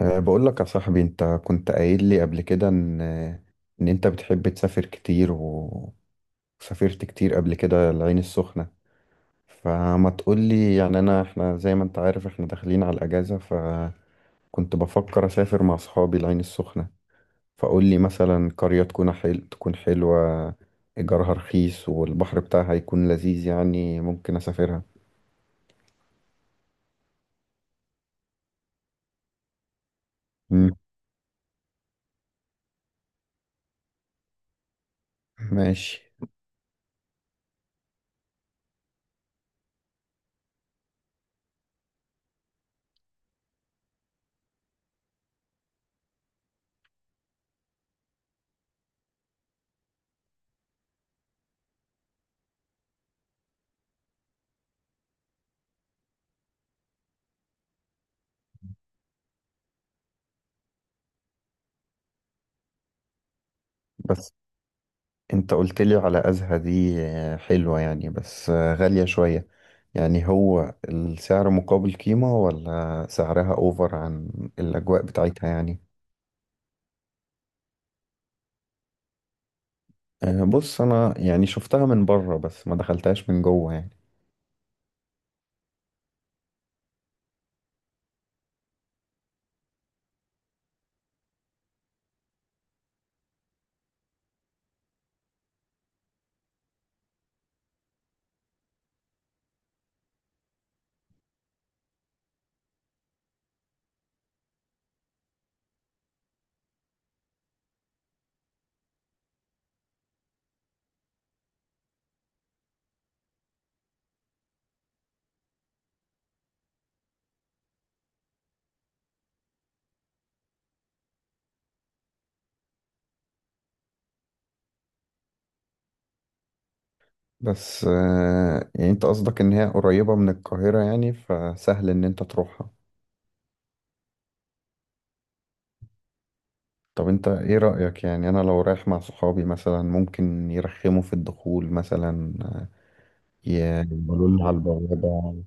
أه بقول لك يا صاحبي، انت كنت قايل لي قبل كده ان انت بتحب تسافر كتير وسافرت كتير قبل كده العين السخنة. فما تقول لي، يعني انا احنا زي ما انت عارف احنا داخلين على الاجازة، فكنت بفكر اسافر مع اصحابي العين السخنة. فقول لي مثلا قرية تكون تكون حلوة، ايجارها رخيص والبحر بتاعها يكون لذيذ، يعني ممكن اسافرها. مم. ماشي. بس انت قلت لي على أزهى دي، آه، حلوة يعني، بس غالية شوية. يعني هو السعر مقابل قيمة، ولا سعرها اوفر عن الأجواء بتاعتها يعني؟ بص أنا يعني شفتها من بره بس ما دخلتهاش من جوه يعني. بس يعني انت قصدك ان هي قريبة من القاهرة، يعني فسهل ان انت تروحها. طب انت ايه رأيك؟ يعني انا لو رايح مع صحابي مثلا ممكن يرخموا في الدخول مثلا؟ يقولوا لي على البوابة؟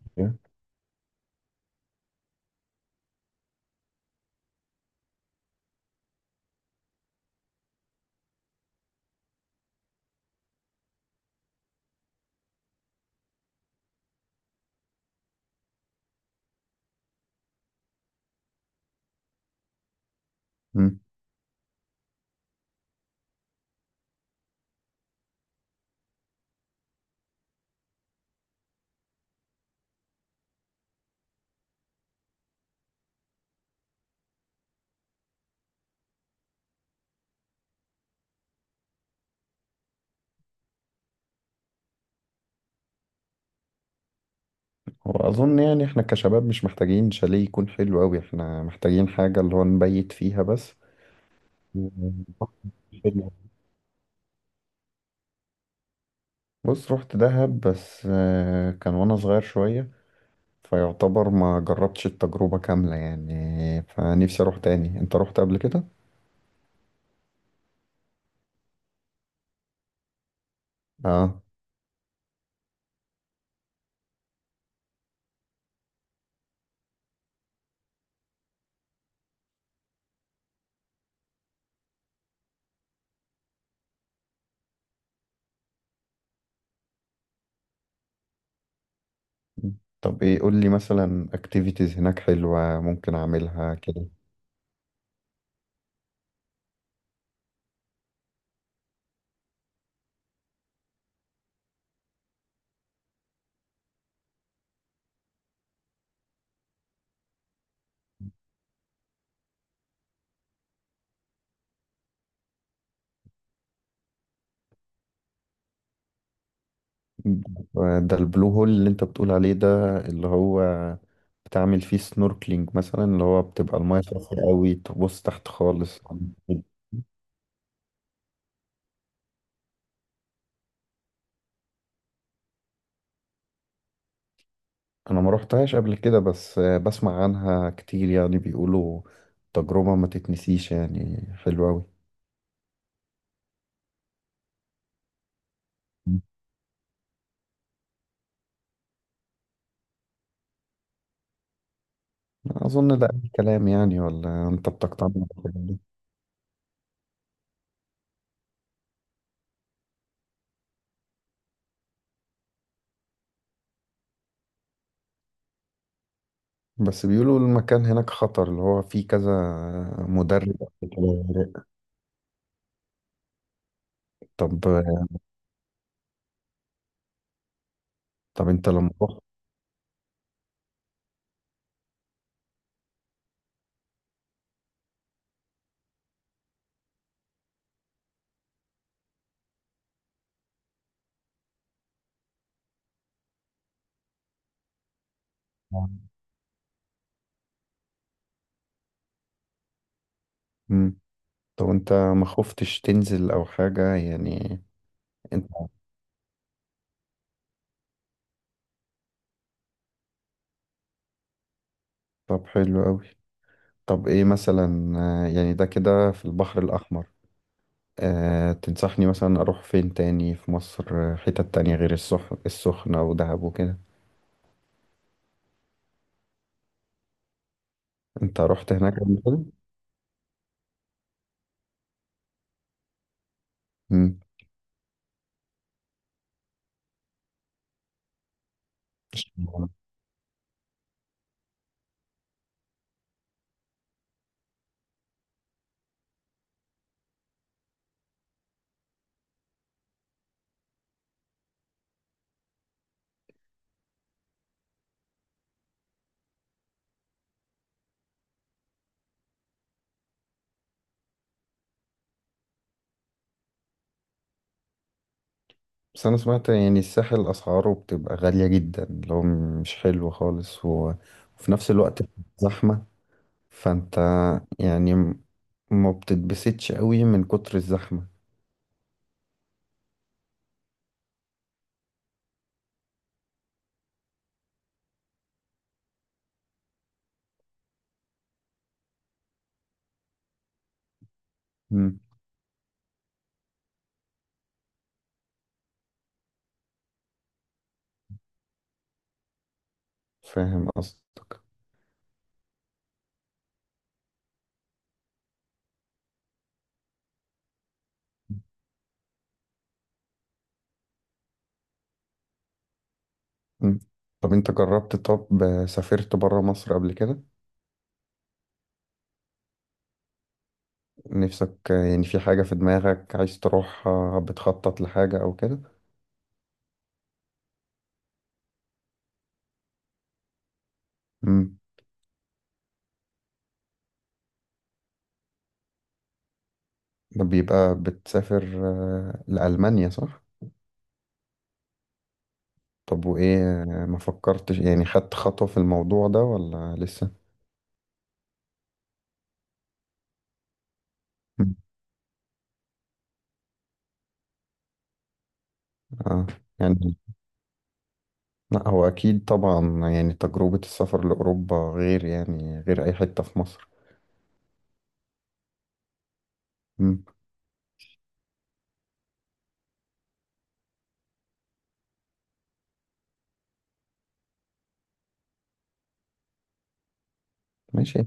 هو أظن يعني إحنا كشباب مش محتاجين شاليه يكون حلو أوي، إحنا محتاجين حاجة اللي هو نبيت فيها بس. بص رحت دهب، بس كان وأنا صغير شوية، فيعتبر ما جربتش التجربة كاملة يعني، فنفسي أروح تاني. أنت رحت قبل كده؟ آه. طب إيه قول لي مثلا أكتيفيتيز هناك حلوة ممكن أعملها كده؟ ده البلو هول اللي أنت بتقول عليه ده اللي هو بتعمل فيه سنوركلينج مثلا، اللي هو بتبقى المايه صافية قوي تبص تحت خالص؟ انا ما روحتهاش قبل كده، بس بسمع عنها كتير، يعني بيقولوا تجربة ما تتنسيش يعني، حلوة قوي. اظن ده اي كلام يعني، ولا انت بتقتنع بالحاجات دي؟ بس بيقولوا المكان هناك خطر، اللي هو فيه كذا مدرب قبل كده غرق. طب، طب انت لما رحت. مم. طب انت ما خفتش تنزل او حاجة يعني؟ انت. طب حلو قوي. طب ايه مثلا، آه، يعني ده كده في البحر الأحمر، أه تنصحني مثلا أروح فين تاني في مصر؟ حتت تانية غير السخنة ودهب وكده؟ انت رحت هناك قبل كده؟ مم. مش- بس أنا سمعت يعني الساحل أسعاره بتبقى غالية جدا، لو مش حلو خالص وفي نفس الوقت زحمة، فانت يعني ما بتتبسطش قوي من كتر الزحمة. مم. فاهم قصدك. مم. طب انت جربت، طب سافرت برا مصر قبل كده؟ نفسك يعني في حاجة في دماغك عايز تروح، بتخطط لحاجة أو كده؟ امم. بيبقى بتسافر، لألمانيا صح؟ طب وإيه، ما فكرتش يعني خدت خطوة في الموضوع ده ولا لسه؟ مم. آه. يعني لا هو أكيد طبعا يعني تجربة السفر لأوروبا غير، يعني غير أي حتة في مصر. مم. ماشي.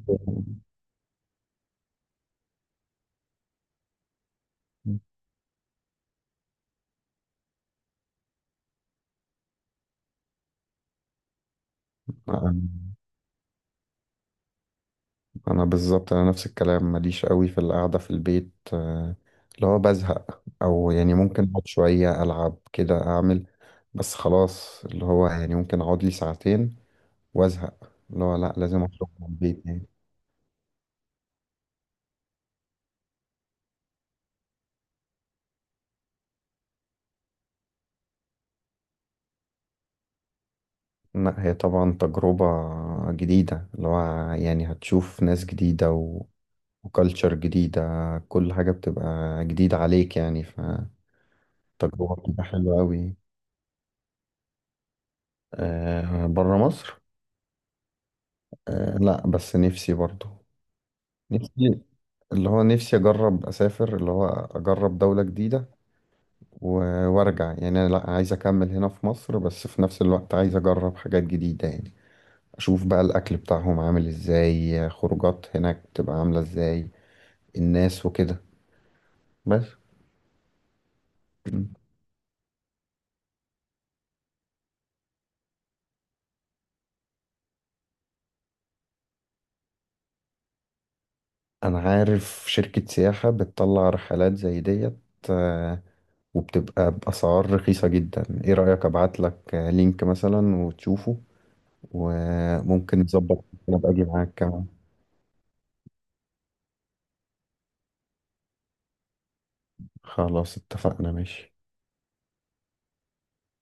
آه، انا بالظبط انا نفس الكلام، ماليش قوي في القعده في البيت، اللي هو بزهق، او يعني ممكن اقعد شويه العب كده اعمل. بس خلاص، اللي هو يعني ممكن اقعد لي ساعتين وازهق، اللي هو لا، لازم اخرج من البيت يعني. لا هي طبعا تجربه جديده، اللي هو يعني هتشوف ناس جديده وكالتشر جديده، كل حاجه بتبقى جديده عليك يعني، فتجربه بتبقى حلوه قوي. أه بره مصر. أه لا، بس نفسي برضو. نفسي، اللي هو نفسي اجرب اسافر، اللي هو اجرب دولة جديدة وارجع، يعني انا لا عايز اكمل هنا في مصر، بس في نفس الوقت عايز اجرب حاجات جديدة يعني، اشوف بقى الاكل بتاعهم عامل ازاي، خروجات هناك تبقى عاملة ازاي، الناس وكده بس. مم. انا عارف شركة سياحة بتطلع رحلات زي ديت، آه، وبتبقى بأسعار رخيصة جدا. ايه رأيك ابعت لك لينك مثلا وتشوفه، وممكن نظبط، ممكن ابقى اجي معاك كمان. خلاص اتفقنا، ماشي.